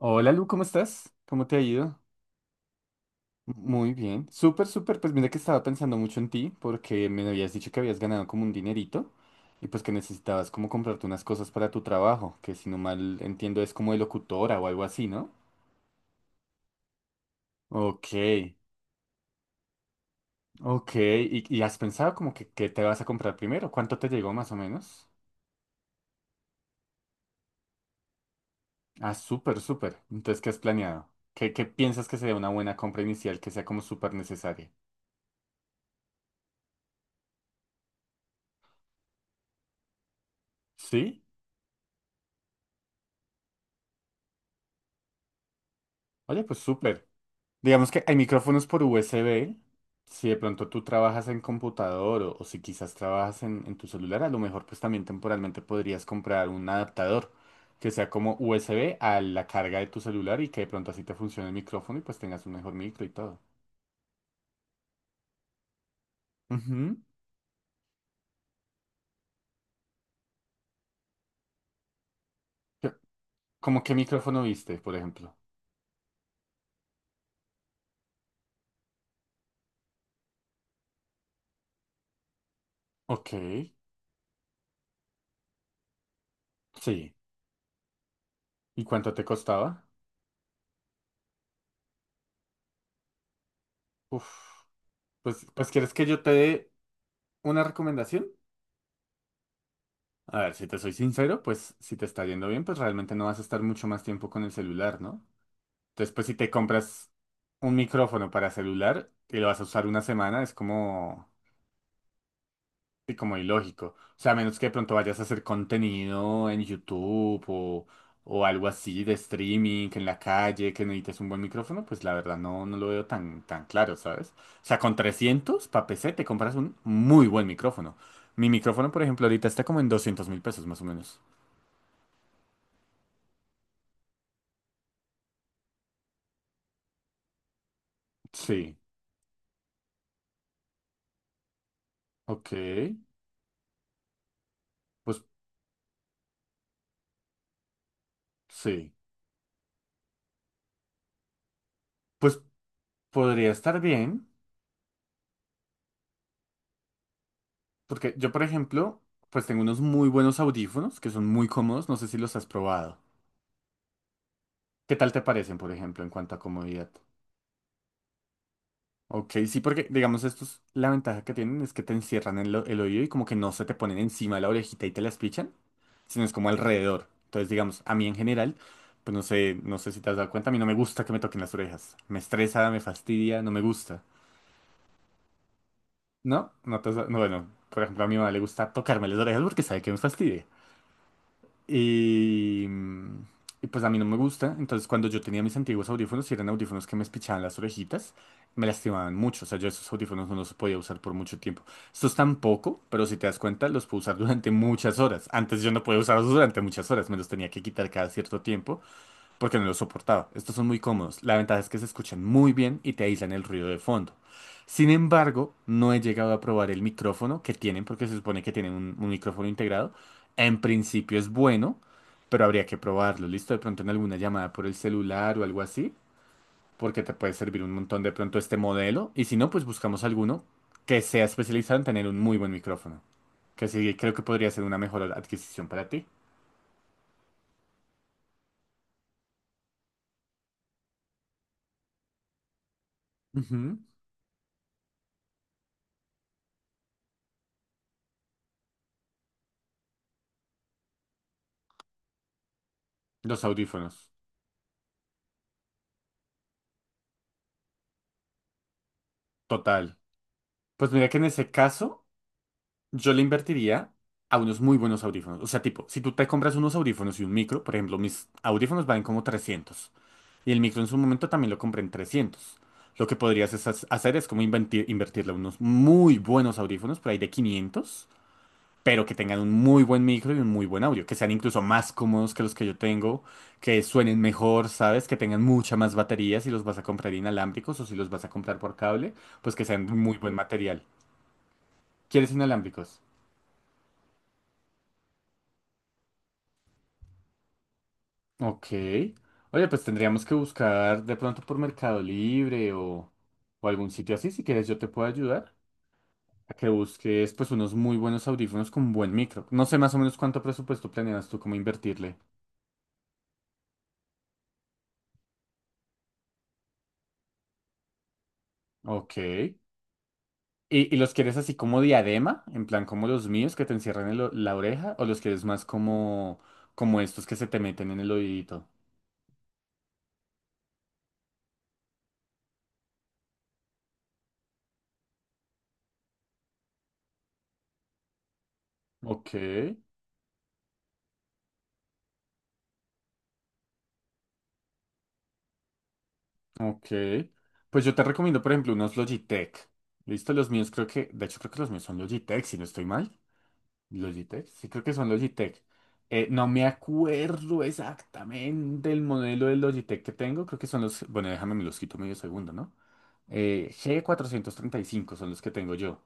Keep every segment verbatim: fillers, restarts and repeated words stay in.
Hola Lu, ¿cómo estás? ¿Cómo te ha ido? Muy bien. Súper, súper. Pues mira que estaba pensando mucho en ti porque me habías dicho que habías ganado como un dinerito y pues que necesitabas como comprarte unas cosas para tu trabajo, que si no mal entiendo es como de locutora o algo así, ¿no? Ok, ok. ¿Y, y has pensado como que qué te vas a comprar primero? ¿Cuánto te llegó más o menos? Ah, súper, súper. Entonces, ¿qué has planeado? ¿Qué, qué piensas que sería una buena compra inicial que sea como súper necesaria? ¿Sí? Oye, pues súper. Digamos que hay micrófonos por U S B. Si de pronto tú trabajas en computador o, o si quizás trabajas en, en tu celular, a lo mejor pues también temporalmente podrías comprar un adaptador que sea como U S B a la carga de tu celular y que de pronto así te funcione el micrófono y pues tengas un mejor micro y todo. Ujú. ¿Qué- ¿Cómo qué micrófono viste, por ejemplo? Ok, sí. ¿Y cuánto te costaba? Uf. Pues, pues ¿quieres que yo te dé una recomendación? A ver, si te soy sincero, pues si te está yendo bien, pues realmente no vas a estar mucho más tiempo con el celular, ¿no? Entonces, pues si te compras un micrófono para celular y lo vas a usar una semana, es como, sí, como ilógico. O sea, a menos que de pronto vayas a hacer contenido en YouTube o, o algo así de streaming en la calle, que necesites un buen micrófono, pues la verdad no, no lo veo tan, tan claro, ¿sabes? O sea, con trescientos pa' P C te compras un muy buen micrófono. Mi micrófono, por ejemplo, ahorita está como en doscientos mil pesos más o menos. Sí. Ok, pues sí, pues podría estar bien, porque yo, por ejemplo, pues tengo unos muy buenos audífonos que son muy cómodos, no sé si los has probado. ¿Qué tal te parecen, por ejemplo, en cuanto a comodidad? Ok, sí, porque digamos estos, la ventaja que tienen es que te encierran el, o- el oído y como que no se te ponen encima de la orejita y te las pichan, sino es como alrededor. Entonces, digamos, a mí en general, pues no sé, no sé si te has dado cuenta, a mí no me gusta que me toquen las orejas. Me estresa, me fastidia, no me gusta. No, no, te- no, bueno, por ejemplo, a mi mamá le gusta tocarme las orejas porque sabe que me fastidia. Y, mm, y pues a mí no me gusta. Entonces, cuando yo tenía mis antiguos audífonos, y eran audífonos que me espichaban las orejitas, me lastimaban mucho. O sea, yo esos audífonos no los podía usar por mucho tiempo. Estos tampoco, pero si te das cuenta, los puedo usar durante muchas horas. Antes yo no podía usarlos durante muchas horas, me los tenía que quitar cada cierto tiempo porque no lo soportaba. Estos son muy cómodos. La ventaja es que se escuchan muy bien y te aíslan el ruido de fondo. Sin embargo, no he llegado a probar el micrófono que tienen, porque se supone que tienen un, un micrófono integrado. En principio es bueno, pero habría que probarlo. ¿Listo? De pronto en alguna llamada por el celular o algo así, porque te puede servir un montón de pronto este modelo. Y si no, pues buscamos alguno que sea especializado en tener un muy buen micrófono. Que sí, creo que podría ser una mejor adquisición para ti. Ujú. Los audífonos. Total. Pues mira que en ese caso yo le invertiría a unos muy buenos audífonos. O sea, tipo, si tú te compras unos audífonos y un micro, por ejemplo, mis audífonos valen como trescientos y el micro en su momento también lo compré en trescientos Lo que podrías es hac- hacer es como invertir invertirle a unos muy buenos audífonos, por ahí de quinientos pero que tengan un muy buen micro y un muy buen audio, que sean incluso más cómodos que los que yo tengo, que suenen mejor, ¿sabes? Que tengan mucha más batería si los vas a comprar inalámbricos o si los vas a comprar por cable, pues que sean de muy buen material. ¿Quieres inalámbricos? Ok. Oye, pues tendríamos que buscar de pronto por Mercado Libre o, o algún sitio así. Si quieres, yo te puedo ayudar a que busques pues unos muy buenos audífonos con buen micro. No sé más o menos cuánto presupuesto planeas tú cómo invertirle. Ok. ¿Y, y los quieres así como diadema? En plan como los míos que te encierran en lo- la oreja. ¿O los quieres más como, como estos que se te meten en el oídito? Ok. Ok. Pues yo te recomiendo, por ejemplo, unos Logitech. ¿Listo? Los míos creo que, de hecho creo que los míos son Logitech, si no estoy mal. Logitech, sí creo que son Logitech. Eh, no me acuerdo exactamente el modelo de Logitech que tengo. Creo que son los, bueno, déjame, me los quito medio segundo, ¿no? Eh, g cuatrocientos treinta y cinco, son los que tengo yo.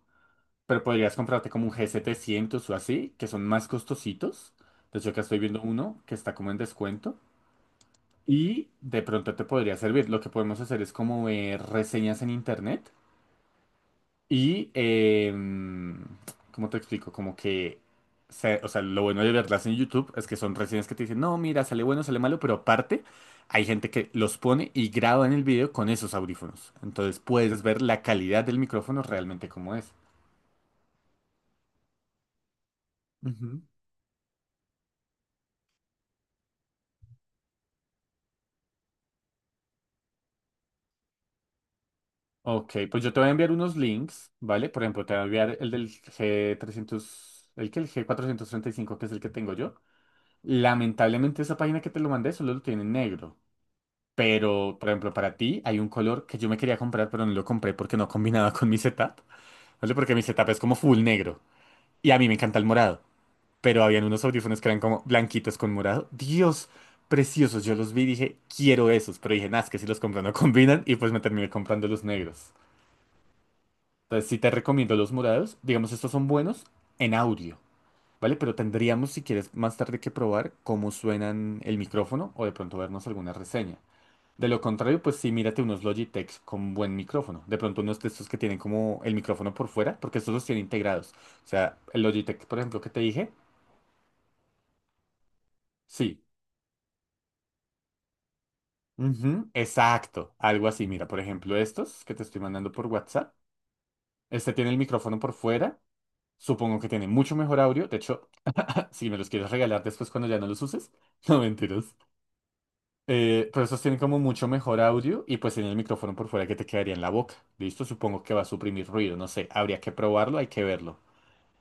Pero podrías comprarte como un g setecientos o así, que son más costositos. De hecho, acá estoy viendo uno que está como en descuento. Y de pronto te podría servir. Lo que podemos hacer es como ver reseñas en internet y, em, ¿cómo te explico? Como que, se- o sea, lo bueno de verlas en YouTube es que son reseñas que te dicen, no, mira, sale bueno, sale malo, pero aparte hay gente que los pone y graba en el video con esos audífonos. Entonces puedes ver la calidad del micrófono realmente como es. Ujú. Ok, pues yo te voy a enviar unos links, ¿vale? Por ejemplo, te voy a enviar el del g trescientos el que el g cuatrocientos treinta y cinco que es el que tengo yo. Lamentablemente esa página que te lo mandé solo lo tiene en negro. Pero, por ejemplo, para ti hay un color que yo me quería comprar, pero no lo compré porque no combinaba con mi setup. No sé, porque mi setup es como full negro. Y a mí me encanta el morado. Pero habían unos audífonos que eran como blanquitos con morado. Dios, preciosos. Yo los vi y dije, quiero esos. Pero dije, nah, es que si los compro no combinan. Y pues me terminé comprando los negros. Entonces sí te recomiendo los morados. Digamos, estos son buenos en audio. ¿Vale? Pero tendríamos, si quieres, más tarde que probar cómo suenan el micrófono o de pronto vernos alguna reseña. De lo contrario, pues sí, mírate unos Logitech con buen micrófono. De pronto unos de estos que tienen como el micrófono por fuera, porque estos los tiene integrados. O sea, el Logitech, por ejemplo, que te dije, sí. Ujú, exacto, algo así. Mira, por ejemplo, estos que te estoy mandando por WhatsApp. Este tiene el micrófono por fuera. Supongo que tiene mucho mejor audio. De hecho, si me los quieres regalar después cuando ya no los uses. No, mentiras. Eh, pero esos tienen como mucho mejor audio y pues tienen el micrófono por fuera que te quedaría en la boca. ¿Listo? Supongo que va a suprimir ruido, no sé. Habría que probarlo, hay que verlo.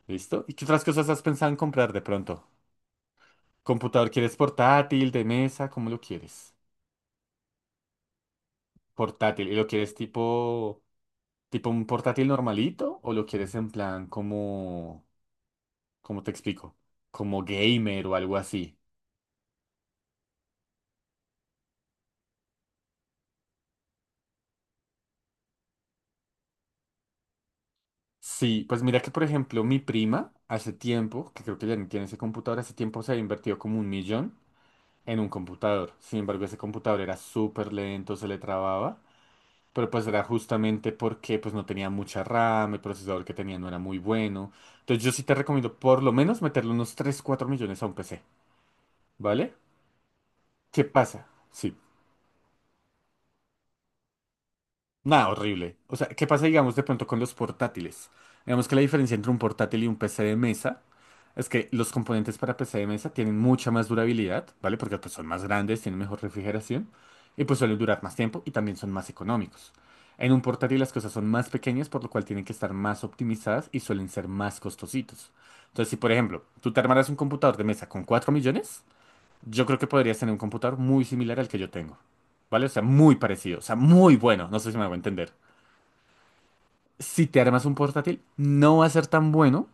¿Listo? ¿Y qué otras cosas has pensado en comprar de pronto? ¿Computador quieres portátil, de mesa? ¿Cómo lo quieres? Portátil. ¿Y lo quieres tipo, tipo un portátil normalito? ¿O lo quieres en plan como, ¿cómo te explico? Como gamer o algo así. Sí, pues mira que por ejemplo mi prima hace tiempo, que creo que ya ni tiene ese computador, hace tiempo se ha invertido como un millón en un computador. Sin embargo, ese computador era súper lento, se le trababa, pero pues era justamente porque pues no tenía mucha RAM, el procesador que tenía no era muy bueno. Entonces yo sí te recomiendo por lo menos meterle unos tres cuatro millones a un P C, ¿vale? ¿Qué pasa? Sí. Nada, horrible. O sea, ¿qué pasa, digamos, de pronto con los portátiles? Digamos que la diferencia entre un portátil y un P C de mesa es que los componentes para P C de mesa tienen mucha más durabilidad, ¿vale? Porque pues, son más grandes, tienen mejor refrigeración y pues suelen durar más tiempo y también son más económicos. En un portátil las cosas son más pequeñas, por lo cual tienen que estar más optimizadas y suelen ser más costositos. Entonces, si por ejemplo, tú te armaras un computador de mesa con cuatro millones, yo creo que podrías tener un computador muy similar al que yo tengo, ¿vale? O sea, muy parecido, o sea, muy bueno, no sé si me hago entender. Si te armas un portátil, no va a ser tan bueno,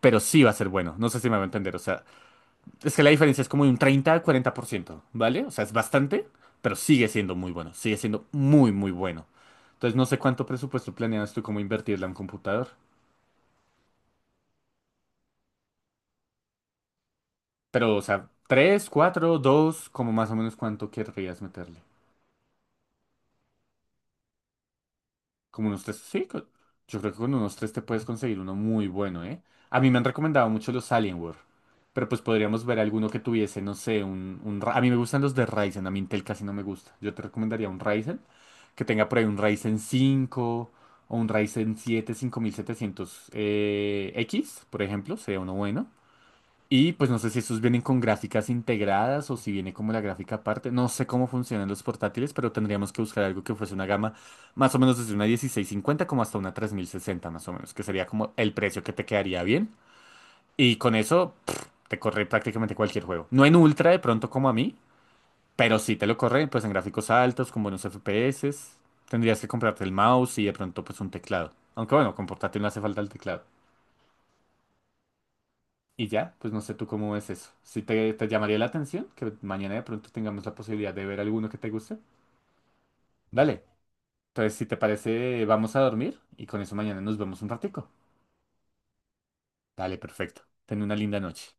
pero sí va a ser bueno, no sé si me hago entender, o sea, es que la diferencia es como de un treinta al cuarenta por ciento, ¿vale? O sea, es bastante, pero sigue siendo muy bueno, sigue siendo muy, muy bueno. Entonces, no sé cuánto presupuesto planeas tú como invertirle a un computador, pero, o sea, tres, cuatro, dos, como más o menos cuánto querrías meterle. Como unos tres, sí, co- yo creo que con unos tres te puedes conseguir uno muy bueno, ¿eh? A mí me han recomendado mucho los Alienware, pero pues podríamos ver alguno que tuviese, no sé, un, un... Ra- A mí me gustan los de Ryzen, a mí Intel casi no me gusta. Yo te recomendaría un Ryzen, que tenga por ahí un Ryzen cinco o un Ryzen siete cinco mil setecientos eh, x por ejemplo, sería uno bueno. Y pues no sé si estos vienen con gráficas integradas o si viene como la gráfica aparte. No sé cómo funcionan los portátiles, pero tendríamos que buscar algo que fuese una gama más o menos desde una dieciséis cincuenta como hasta una tres mil sesenta más o menos, que sería como el precio que te quedaría bien. Y con eso pff, te corre prácticamente cualquier juego. No en ultra de pronto como a mí, pero sí te lo corre pues en gráficos altos, con buenos F P S. Tendrías que comprarte el mouse y de pronto pues un teclado. Aunque bueno, con portátil no hace falta el teclado. Y ya, pues no sé tú cómo ves eso. Si te, te llamaría la atención, que mañana de pronto tengamos la posibilidad de ver alguno que te guste. Dale. Entonces, si te parece, vamos a dormir y con eso mañana nos vemos un ratico. Dale, perfecto. Ten una linda noche.